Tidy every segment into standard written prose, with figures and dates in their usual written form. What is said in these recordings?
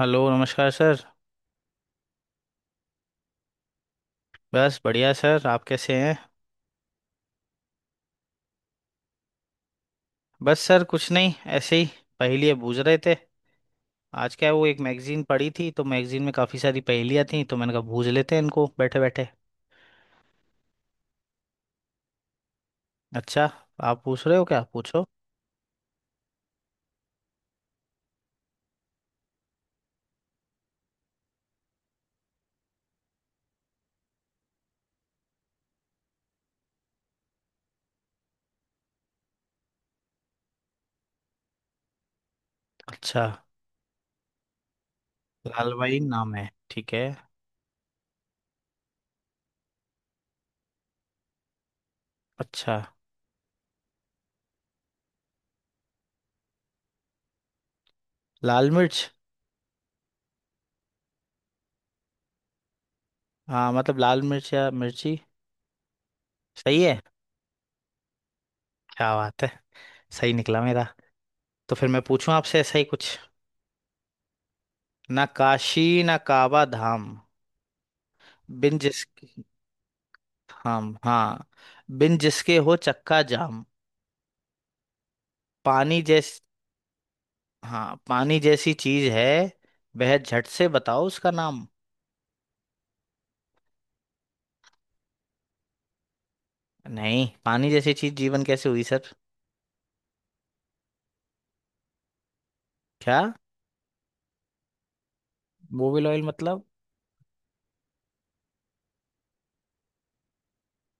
Hello नमस्कार sir. बस बढ़िया सर, आप कैसे हैं। बस सर कुछ नहीं, ऐसे ही पहेलियाँ बूझ रहे थे। आज क्या है वो एक मैगजीन पढ़ी थी, तो मैगजीन में काफ़ी सारी पहेलियाँ थी तो मैंने कहा बूझ लेते हैं इनको बैठे बैठे। अच्छा, आप पूछ रहे हो, क्या पूछो। अच्छा, लाल भाई नाम है, ठीक है। अच्छा, लाल मिर्च। हाँ मतलब लाल मिर्च या मिर्ची। सही है। क्या बात है, सही निकला मेरा। तो फिर मैं पूछूं आपसे ऐसा ही कुछ। ना काशी ना काबा धाम, बिन जिस हम, हाँ, बिन जिसके हो चक्का जाम, पानी जैस हाँ, पानी जैसी चीज है, वह झट से बताओ उसका नाम। नहीं, पानी जैसी चीज जीवन कैसे हुई सर। क्या, बोबिल ऑयल मतलब।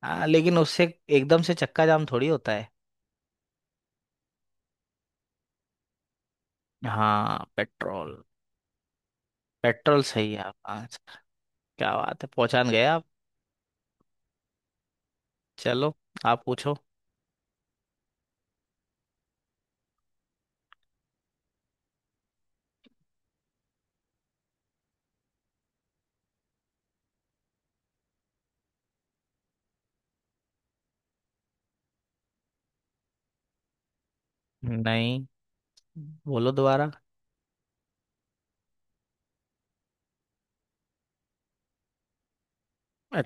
हाँ लेकिन उससे एकदम से चक्का जाम थोड़ी होता है। हाँ पेट्रोल, पेट्रोल सही है आप आंसर। क्या बात है, पहचान गए आप। चलो आप पूछो। नहीं, बोलो दोबारा। अ-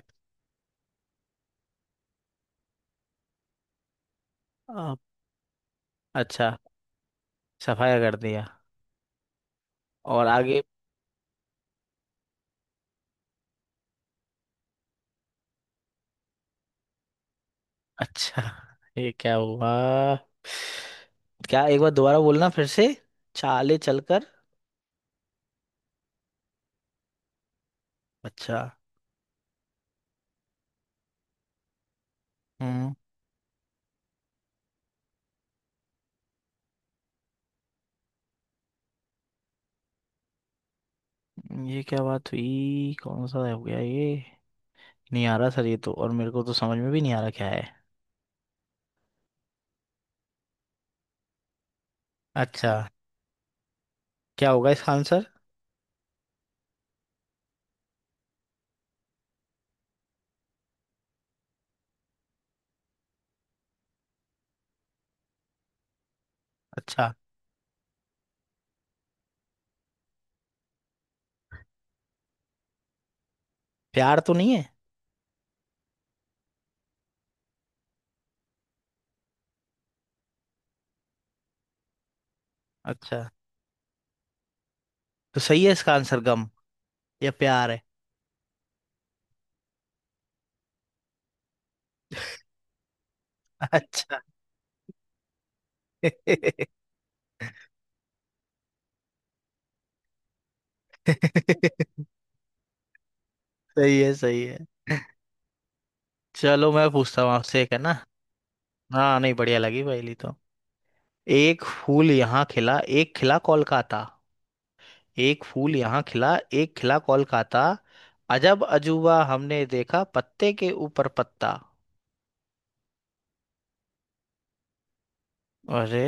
आप- अच्छा, सफाया कर दिया। और आगे। अच्छा, ये क्या हुआ। क्या, एक बार दोबारा बोलना फिर से, चाले चलकर। अच्छा। हम्म। ये क्या बात हुई, कौन सा हो गया ये। नहीं आ रहा सर ये, तो और मेरे को तो समझ में भी नहीं आ रहा क्या है। अच्छा, क्या होगा इसका आंसर। अच्छा, प्यार तो नहीं है। अच्छा, तो सही है इसका आंसर गम या प्यार है। अच्छा। सही है, सही है। चलो मैं पूछता हूँ आपसे एक, है ना। हाँ नहीं, बढ़िया लगी पहली तो। एक फूल यहाँ खिला एक खिला कोलकाता। एक फूल यहाँ खिला एक खिला कोलकाता, अजब अजूबा हमने देखा पत्ते के ऊपर पत्ता। अरे,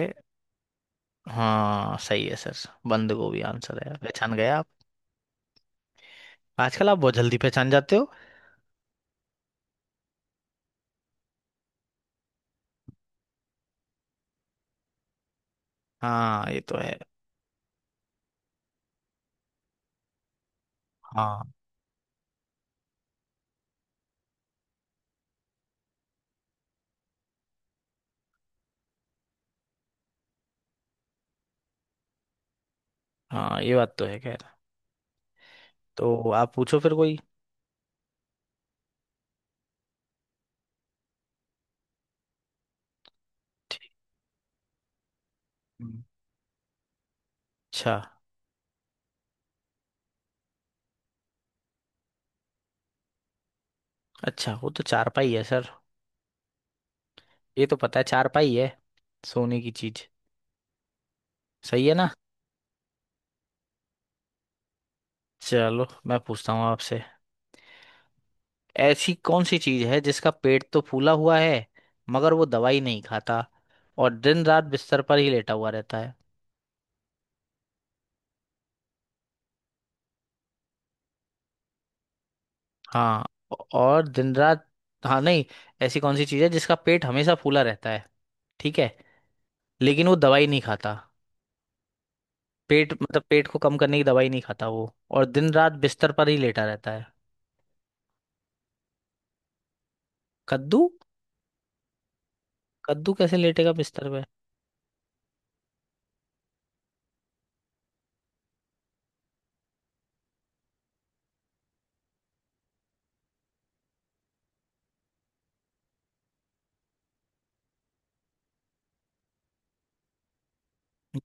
हाँ सही है सर, बंद गोभी आंसर है, पहचान गए आप। आजकल आप बहुत जल्दी पहचान जाते हो। हाँ ये तो है। हाँ, हाँ ये बात तो है, खैर। तो आप पूछो फिर कोई। ठीक। हम्म। अच्छा। अच्छा, वो तो चारपाई है सर, ये तो पता है चारपाई है, सोने की चीज, सही है ना। चलो मैं पूछता हूँ आपसे, ऐसी कौन सी चीज है जिसका पेट तो फूला हुआ है, मगर वो दवाई नहीं खाता, और दिन रात बिस्तर पर ही लेटा हुआ रहता है। हाँ, और दिन रात, हाँ नहीं, ऐसी कौन सी चीज है जिसका पेट हमेशा फूला रहता है, ठीक है, लेकिन वो दवाई नहीं खाता, पेट मतलब पेट को कम करने की दवाई नहीं खाता वो, और दिन रात बिस्तर पर ही लेटा रहता है। कद्दू, कद्दू कैसे लेटेगा बिस्तर पे।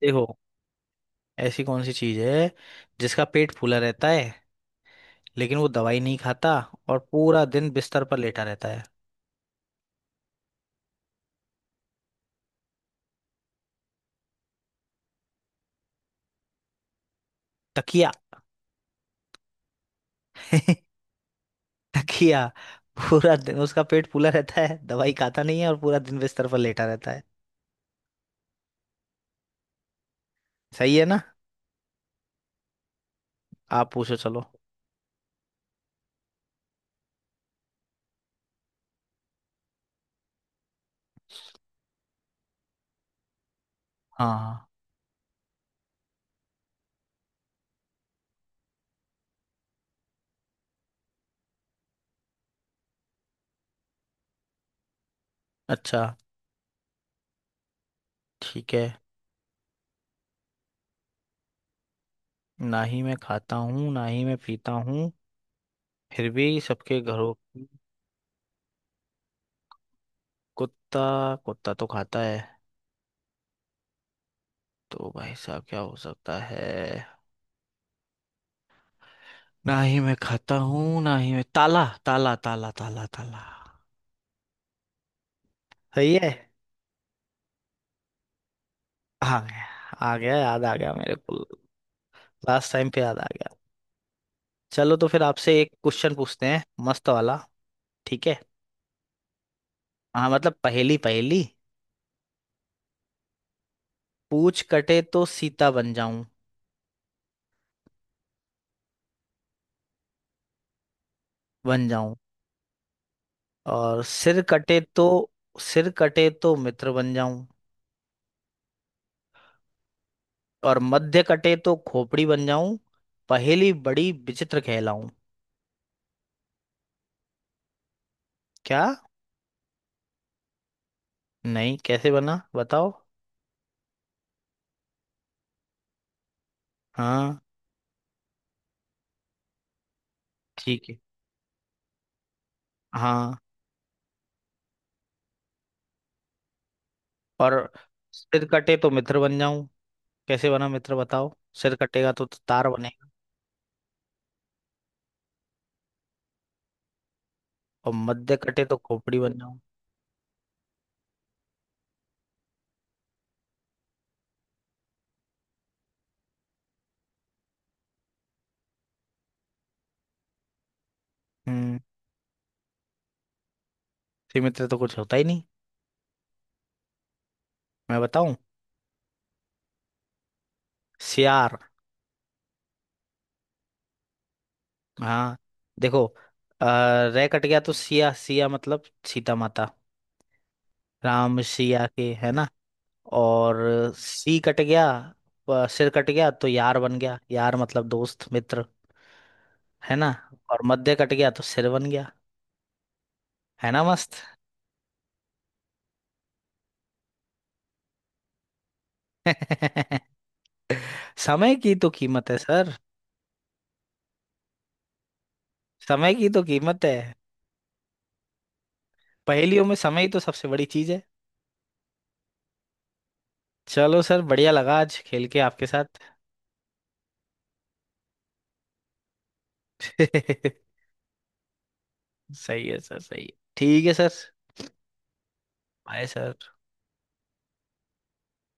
देखो, ऐसी कौन सी चीज है जिसका पेट फूला रहता है, लेकिन वो दवाई नहीं खाता, और पूरा दिन बिस्तर पर लेटा रहता है। तकिया। तकिया, पूरा दिन उसका पेट फूला रहता है, दवाई खाता नहीं है, और पूरा दिन बिस्तर पर लेटा रहता है, सही है ना। आप पूछो चलो। हाँ। अच्छा। ठीक है। ना ही मैं खाता हूँ ना ही मैं पीता हूँ, फिर भी सबके घरों की-। कुत्ता, कुत्ता तो खाता है, तो भाई साहब क्या हो सकता है। ना ही मैं खाता हूँ ना ही मैं ताला, ताला ताला ताला ताला। सही है। आ गया, आ गया याद आ गया मेरे को, लास्ट टाइम पे याद आ गया। चलो तो फिर आपसे एक क्वेश्चन पूछते हैं, मस्त वाला। ठीक है। हाँ मतलब पहेली पहेली, पूछ कटे तो सीता बन जाऊं, बन जाऊं, और सिर कटे तो, सिर कटे तो मित्र बन जाऊं, और मध्य कटे तो खोपड़ी बन जाऊं, पहेली बड़ी विचित्र कहलाऊं। क्या, नहीं कैसे बना बताओ। हाँ। ठीक है। हाँ, और सिर कटे तो मित्र बन जाऊं, कैसे बना मित्र बताओ, सिर कटेगा तो तार बनेगा, और मध्य कटे तो खोपड़ी बन जाऊं। हम्म। सीमित तो कुछ होता ही नहीं। मैं बताऊं, सियार। हाँ, देखो, अ, रह कट गया तो सिया, सिया मतलब सीता माता, राम सिया के, है ना। और सी कट गया, सिर कट गया तो यार बन गया, यार मतलब दोस्त मित्र, है ना। और मध्य कट गया तो सिर बन गया, है ना, मस्त। समय की तो कीमत है सर। समय की तो कीमत है, पहेलियों में समय ही तो सबसे बड़ी चीज है। चलो सर, बढ़िया लगा आज खेल के आपके साथ। सही है सर, सही है, ठीक है सर। Bye sir.